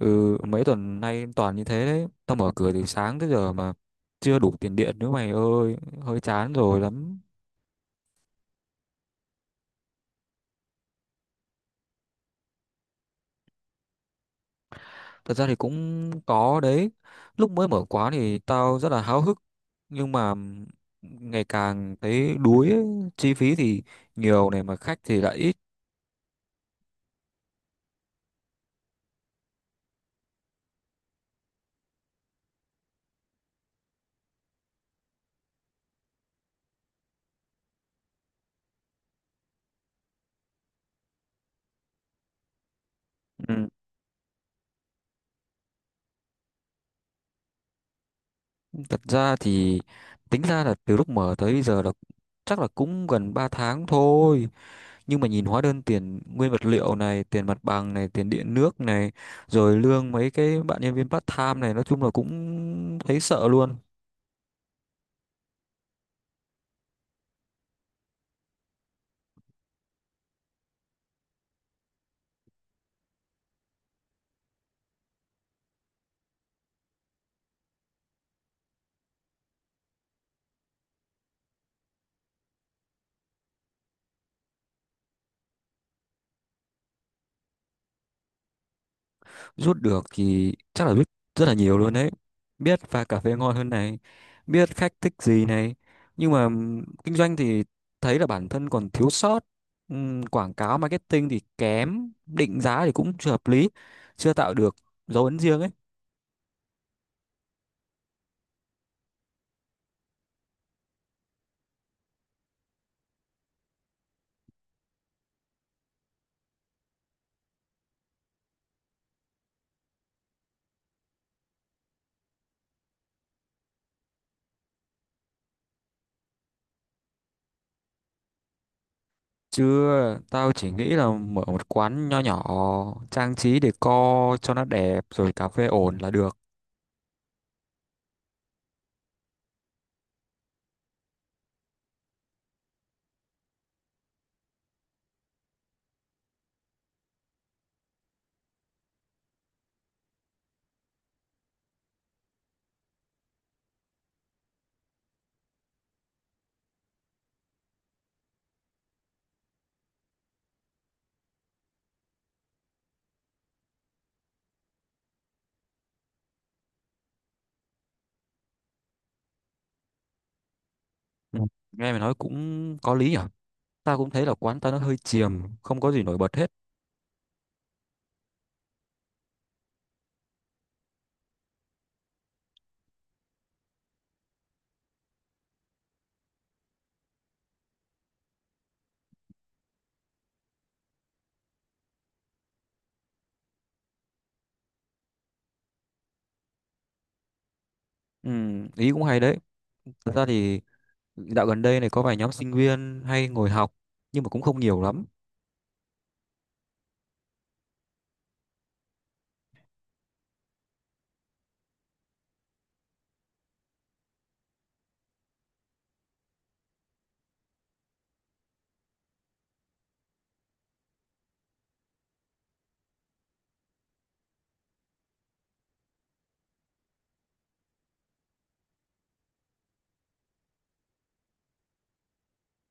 Ừ, mấy tuần nay toàn như thế đấy. Tao mở cửa từ sáng tới giờ mà chưa đủ tiền điện nữa mày ơi, hơi chán rồi lắm. Thật ra thì cũng có đấy. Lúc mới mở quán thì tao rất là háo hức, nhưng mà ngày càng thấy đuối ấy. Chi phí thì nhiều này mà khách thì lại ít. Ừ. Thật ra thì tính ra là từ lúc mở tới bây giờ là chắc là cũng gần 3 tháng thôi. Nhưng mà nhìn hóa đơn tiền nguyên vật liệu này, tiền mặt bằng này, tiền điện nước này, rồi lương mấy cái bạn nhân viên part time này, nói chung là cũng thấy sợ luôn. Rút được thì chắc là rút rất là nhiều luôn đấy. Biết pha cà phê ngon hơn này, biết khách thích gì này, nhưng mà kinh doanh thì thấy là bản thân còn thiếu sót. Quảng cáo marketing thì kém, định giá thì cũng chưa hợp lý, chưa tạo được dấu ấn riêng ấy. Chưa, tao chỉ nghĩ là mở một quán nho nhỏ, trang trí decor cho nó đẹp rồi cà phê ổn là được. Ừ. Nghe mày nói cũng có lý nhở. Tao cũng thấy là quán tao nó hơi chìm, không có gì nổi bật hết. Ừ, ý cũng hay đấy. Thật ra thì dạo gần đây này có vài nhóm sinh viên hay ngồi học, nhưng mà cũng không nhiều lắm.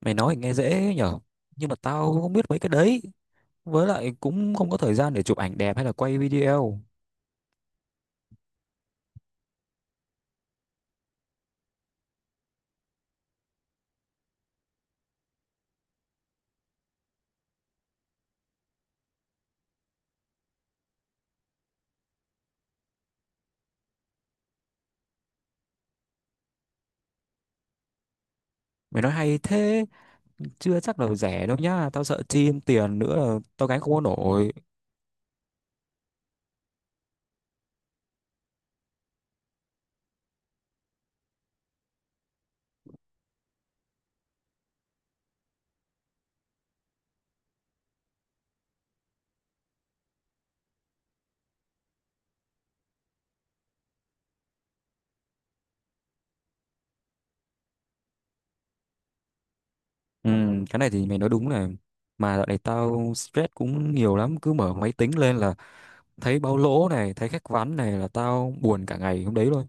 Mày nói thì nghe dễ nhở. Nhưng mà tao cũng không biết mấy cái đấy. Với lại cũng không có thời gian để chụp ảnh đẹp hay là quay video. Mày nói hay thế. Chưa chắc là rẻ đâu nhá, tao sợ chim tiền nữa là tao gánh không có nổi. Ừ, cái này thì mày nói đúng này. Mà dạo này tao stress cũng nhiều lắm, cứ mở máy tính lên là thấy báo lỗ này, thấy khách ván này là tao buồn cả ngày hôm đấy luôn.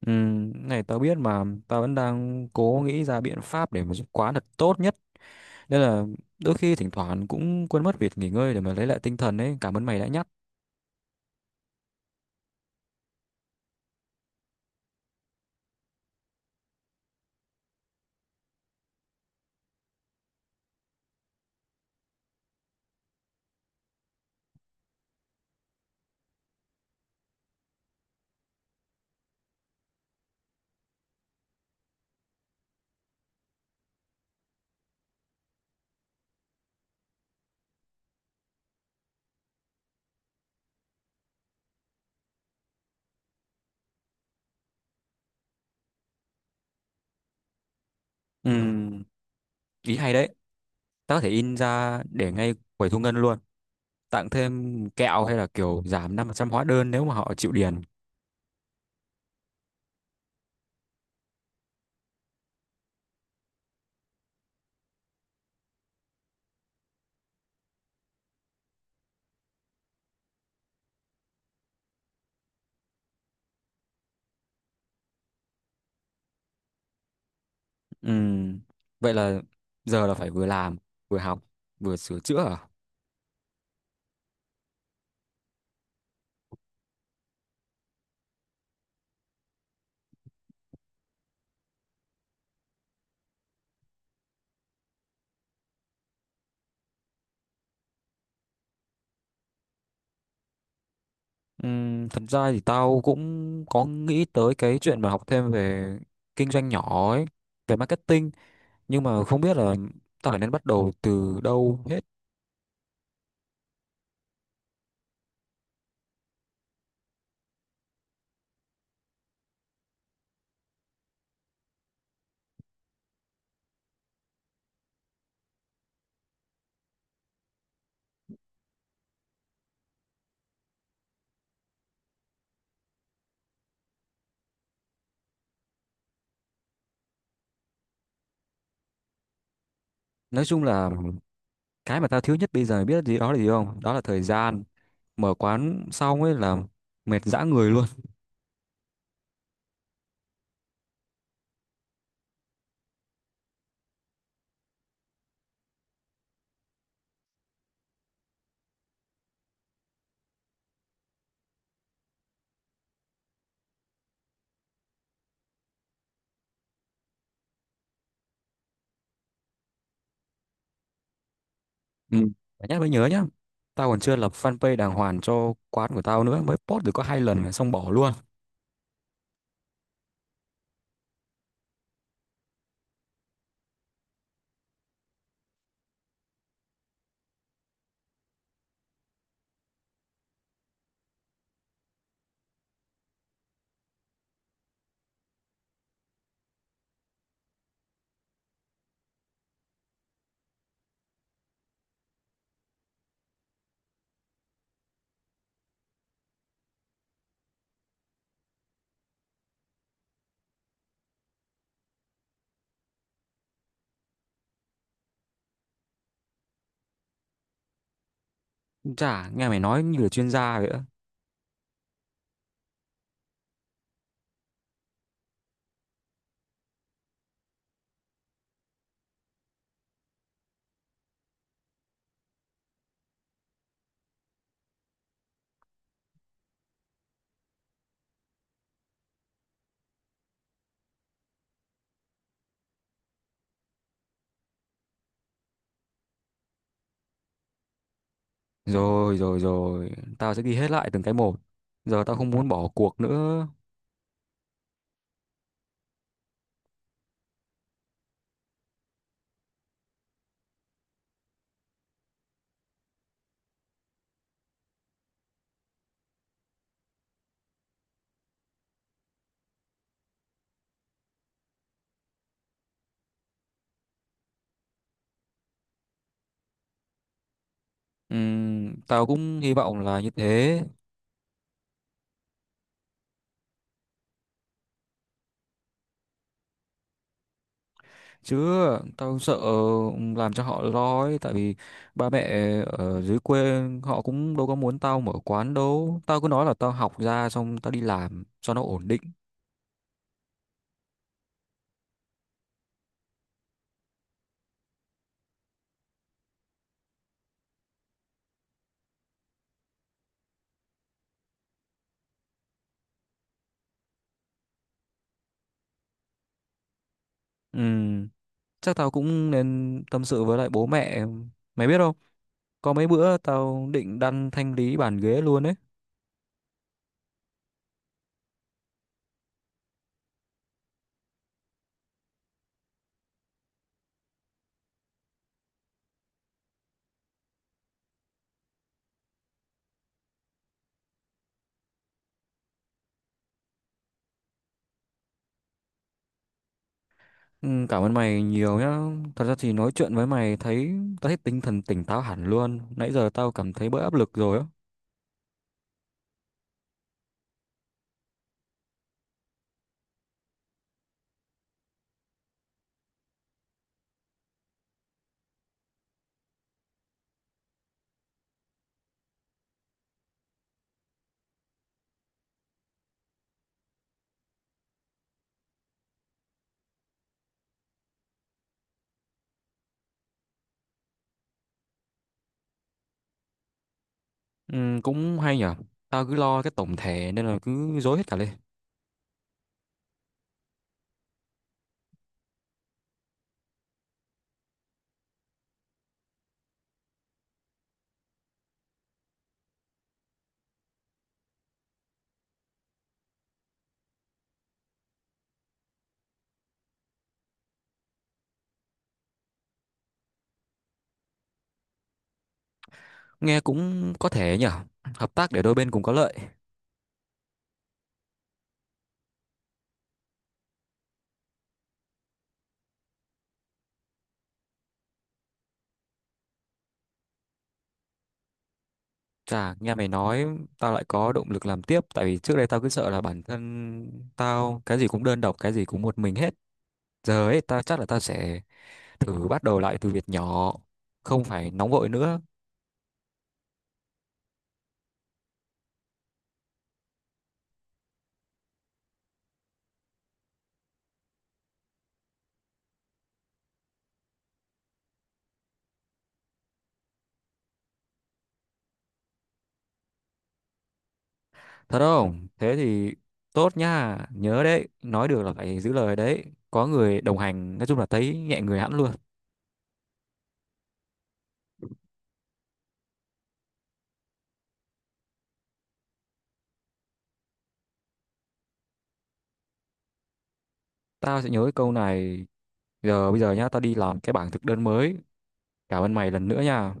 Ừ, cái này tao biết mà tao vẫn đang cố nghĩ ra biện pháp để mà giúp quán thật tốt nhất, nên là đôi khi thỉnh thoảng cũng quên mất việc nghỉ ngơi để mà lấy lại tinh thần ấy. Cảm ơn mày đã nhắc. Ừ, ý hay đấy. Tao có thể in ra để ngay quầy thu ngân luôn, tặng thêm kẹo hay là kiểu giảm 5% hóa đơn nếu mà họ chịu điền. Ừm, Vậy là giờ là phải vừa làm, vừa học, vừa sửa chữa à? Thật ra thì tao cũng có nghĩ tới cái chuyện mà học thêm về kinh doanh nhỏ ấy, về marketing, nhưng mà không biết là tao phải nên bắt đầu từ đâu hết. Nói chung là cái mà tao thiếu nhất bây giờ biết gì đó là gì không? Đó là thời gian. Mở quán xong ấy là mệt dã người luôn. Ừ. Phải nhắc mới nhớ nhá. Tao còn chưa lập fanpage đàng hoàng cho quán của tao nữa. Mới post được có 2 lần mà xong bỏ luôn. Chả, nghe mày nói như là chuyên gia vậy á. Rồi rồi rồi. Tao sẽ ghi hết lại từng cái một. Giờ tao không muốn bỏ cuộc nữa. Tao cũng hy vọng là như thế. Chứ tao sợ làm cho họ lo ấy. Tại vì ba mẹ ở dưới quê họ cũng đâu có muốn tao mở quán đâu. Tao cứ nói là tao học ra xong tao đi làm cho nó ổn định. Ừ. Chắc tao cũng nên tâm sự với lại bố mẹ. Mày biết không? Có mấy bữa tao định đăn thanh lý bàn ghế luôn ấy. Ừ, cảm ơn mày nhiều nhá. Thật ra thì nói chuyện với mày thấy tao thấy tinh thần tỉnh táo hẳn luôn. Nãy giờ tao cảm thấy bớt áp lực rồi á. Ừ, cũng hay nhở. Tao cứ lo cái tổng thể nên là cứ rối hết cả lên. Nghe cũng có thể nhở. Hợp tác để đôi bên cùng có lợi. Chà, nghe mày nói tao lại có động lực làm tiếp, tại vì trước đây tao cứ sợ là bản thân tao cái gì cũng đơn độc, cái gì cũng một mình hết. Giờ ấy ta chắc là ta sẽ thử bắt đầu lại từ việc nhỏ, không phải nóng vội nữa. Thật không? Thế thì tốt nha, nhớ đấy, nói được là phải giữ lời đấy. Có người đồng hành, nói chung là thấy nhẹ người hẳn luôn. Tao sẽ nhớ cái câu này. Giờ bây giờ nhá, tao đi làm cái bảng thực đơn mới. Cảm ơn mày lần nữa nha.